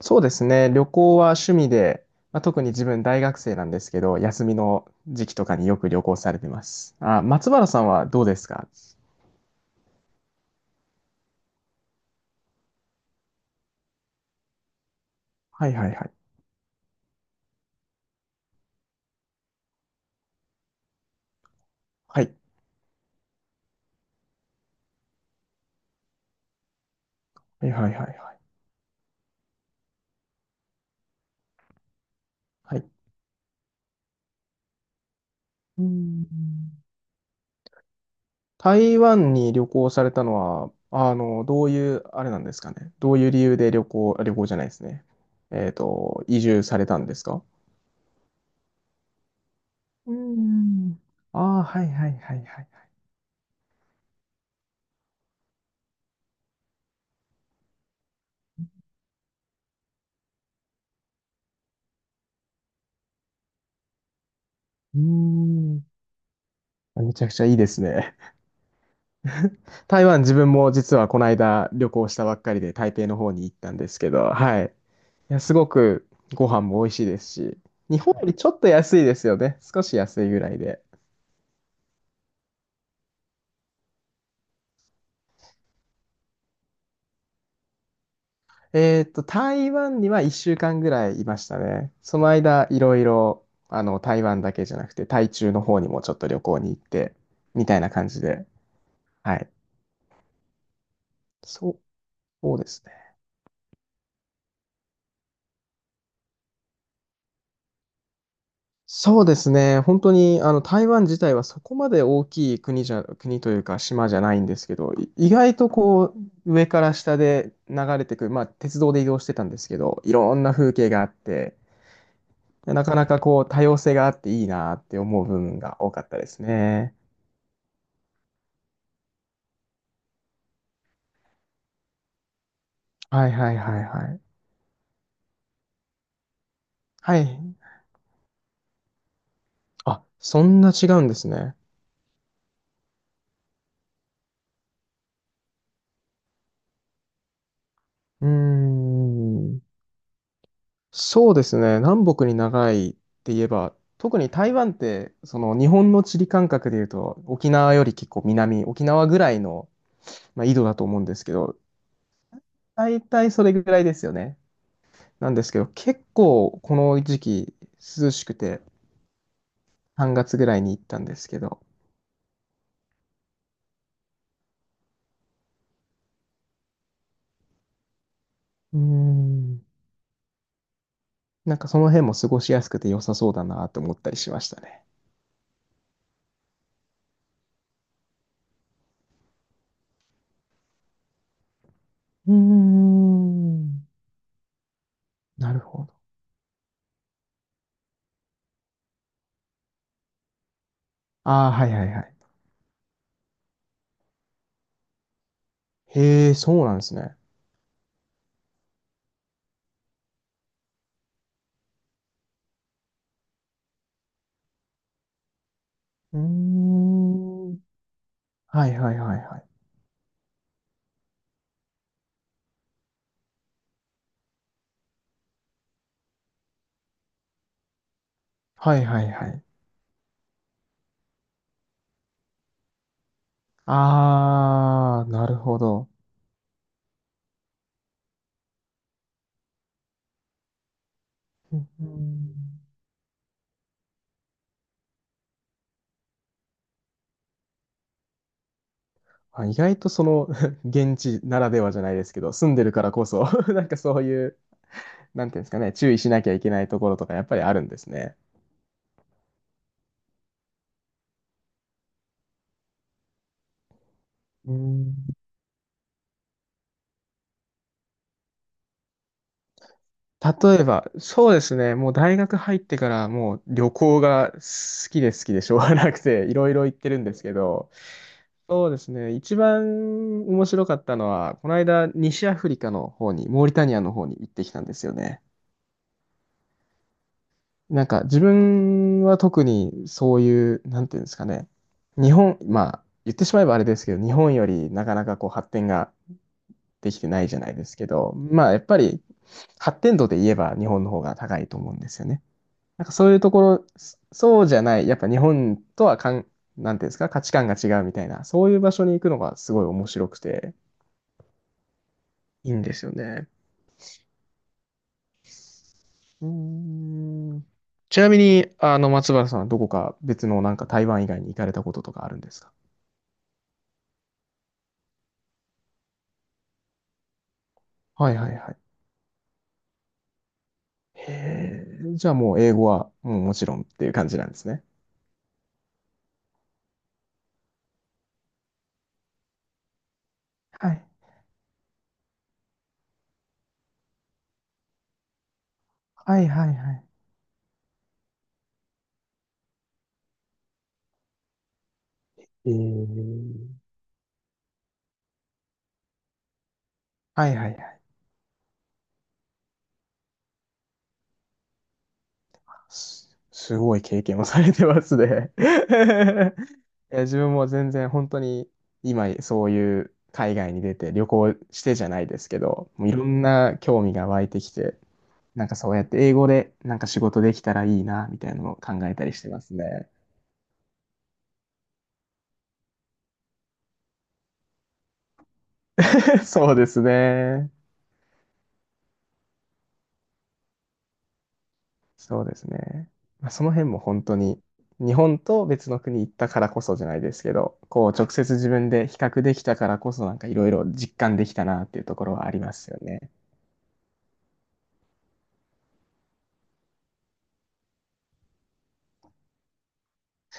そうですね。旅行は趣味で、まあ、特に自分大学生なんですけど、休みの時期とかによく旅行されてます。あ、松原さんはどうですか？はいはいはい。はい。はいはいはいはい。はい。うん。台湾に旅行されたのは、あの、どういう、あれなんですかね。どういう理由で旅行、旅行じゃないですね。移住されたんですか？うん。ああー、はいはいはいはい。うーん。めちゃくちゃいいですね。台湾自分も実はこの間旅行したばっかりで台北の方に行ったんですけど、はい。いや、すごくご飯も美味しいですし、日本よりちょっと安いですよね。少し安いぐらいで。台湾には1週間ぐらいいましたね。その間、いろいろ、あの、台湾だけじゃなくて、台中の方にもちょっと旅行に行って、みたいな感じで。はい。そう、そうですね。そうですね。本当に、あの、台湾自体はそこまで大きい国じゃ、国というか島じゃないんですけど、意外とこう、上から下で流れてくる、まあ、鉄道で移動してたんですけど、いろんな風景があって、なかなかこう、多様性があっていいなって思う部分が多かったですね。はいはいはいはい。はい。あ、そんな違うんですね。うーん。そうですね。南北に長いって言えば、特に台湾って、その日本の地理感覚で言うと、沖縄より結構南、沖縄ぐらいの、まあ、緯度だと思うんですけど、大体それぐらいですよね。なんですけど、結構この時期涼しくて、3月ぐらいに行ったんですけど、うーん、なんかその辺も過ごしやすくて良さそうだなと思ったりしましたね。うーん。なるほど。ああ、はいはいはい。へえ、そうなんですね。うーん。はいはいはいはい。はいはいはい。あー、なるほど。うんうん。あ、意外とその 現地ならではじゃないですけど、住んでるからこそ なんかそういう、なんていうんですかね、注意しなきゃいけないところとかやっぱりあるんですね。うん。例えば、そうですね、もう大学入ってからもう旅行が好きで好きでしょうが なくて、いろいろ行ってるんですけど、そうですね、一番面白かったのは、この間西アフリカの方に、モーリタニアの方に行ってきたんですよね。なんか自分は特にそういう、なんていうんですかね、日本、まあ言ってしまえばあれですけど、日本よりなかなかこう発展ができてないじゃないですけど、まあやっぱり発展度で言えば日本の方が高いと思うんですよね。なんかそういうところ、そうじゃない、やっぱ日本とはなんていうんですか、価値観が違うみたいな、そういう場所に行くのがすごい面白くて、いいんですよね。うーん。ちなみに、あの、松原さんはどこか別のなんか台湾以外に行かれたこととかあるんですか？はいはいはい。へえ、じゃあもう英語はもうもちろんっていう感じなんですね。はい。はいはいはい。えーはいはいはい。すごい経験をされてますね。いや、自分も全然本当に今そういう海外に出て旅行してじゃないですけど、もういろんな興味が湧いてきて、なんかそうやって英語でなんか仕事できたらいいな、みたいなのを考えたりしてますね。そうですね。そうですね。まあ、その辺も本当に日本と別の国行ったからこそじゃないですけど、こう直接自分で比較できたからこそなんかいろいろ実感できたなっていうところはありますよね。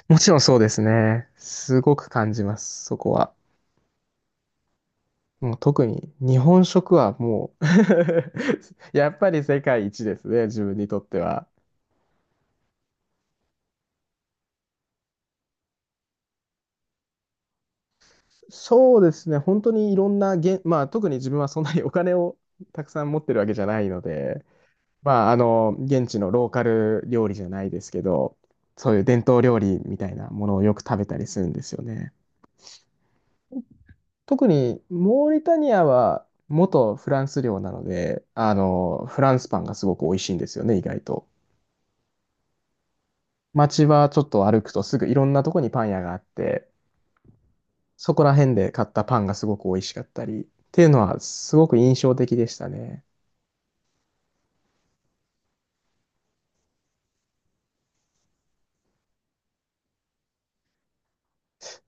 もちろんそうですね。すごく感じます、そこは。もう特に日本食はもう やっぱり世界一ですね、自分にとっては。そうですね、本当にいろんなげ、まあ特に自分はそんなに お金をたくさん持ってるわけじゃないので、まああの、現地のローカル料理じゃないですけど、そういう伝統料理みたいなものをよく食べたりするんですよね。特にモーリタニアは元フランス領なので、あの、フランスパンがすごく美味しいんですよね、意外と。街はちょっと歩くとすぐいろんなとこにパン屋があって、そこら辺で買ったパンがすごく美味しかったり、っていうのはすごく印象的でしたね。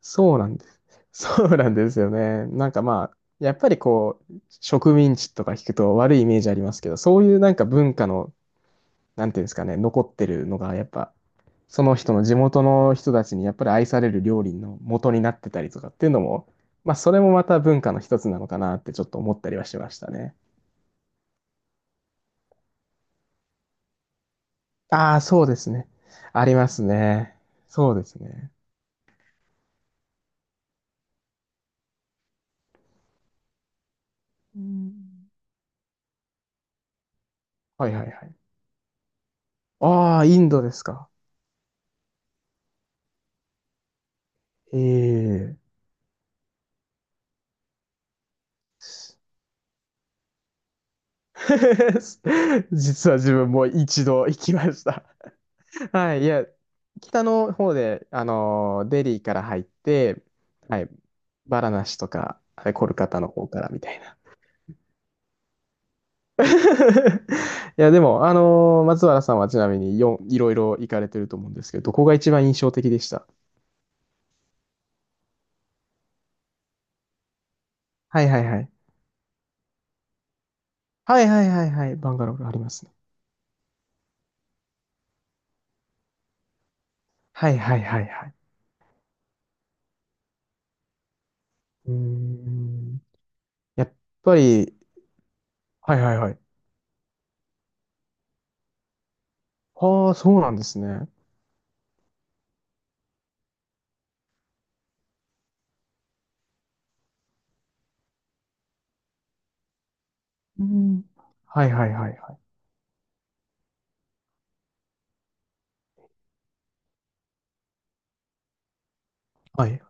そうなんです。そうなんですよね。なんかまあ、やっぱりこう、植民地とか聞くと悪いイメージありますけど、そういうなんか文化のなんていうんですかね、残ってるのが、やっぱ、その人の地元の人たちにやっぱり愛される料理の元になってたりとかっていうのも、まあ、それもまた文化の一つなのかなってちょっと思ったりはしましたね。ああ、そうですね。ありますね。そうですね。うん。はいはいはい。ああ、インドですか。ええ。 実は自分も一度行きました。はい、いや、北の方で、あのーデリーから入って、はい、バラナシとか、はいコルカタの方からみたいな。いや、でも、あのー松原さんはちなみにいろいろ行かれてると思うんですけど、どこが一番印象的でした？はいはいはい。はいはいはいはい、バンガローがありますね。はいはいはいはい。うーん。やっぱり、はいはいはい。ああ、そうなんですね。うん。はいはいはいはい。はい、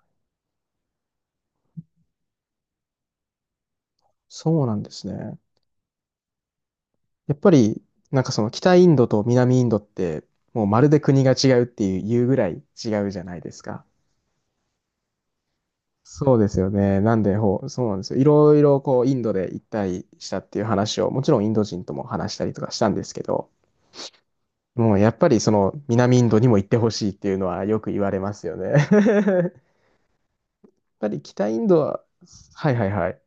そうなんですね。やっぱり、なんかその北インドと南インドって、もうまるで国が違うっていう、言うぐらい違うじゃないですか。そうですよね。なんで、ほう、そうなんですよ。いろいろこう、インドで一体したっていう話を、もちろんインド人とも話したりとかしたんですけど、もうやっぱりその南インドにも行ってほしいっていうのはよく言われますよね。やっぱり北インドは、はいはいはい。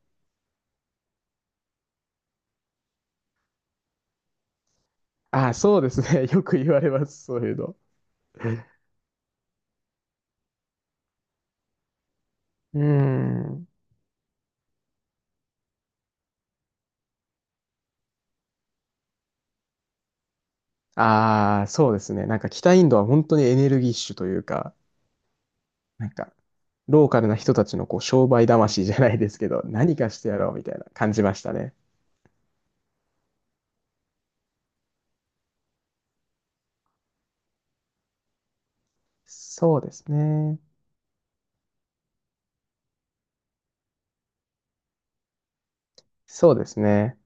ああ、そうですね。よく言われます、そういうの。うん。ああ、そうですね。なんか北インドは本当にエネルギッシュというか、なんかローカルな人たちのこう商売魂じゃないですけど、何かしてやろうみたいな感じましたね。そうですね。そうですね。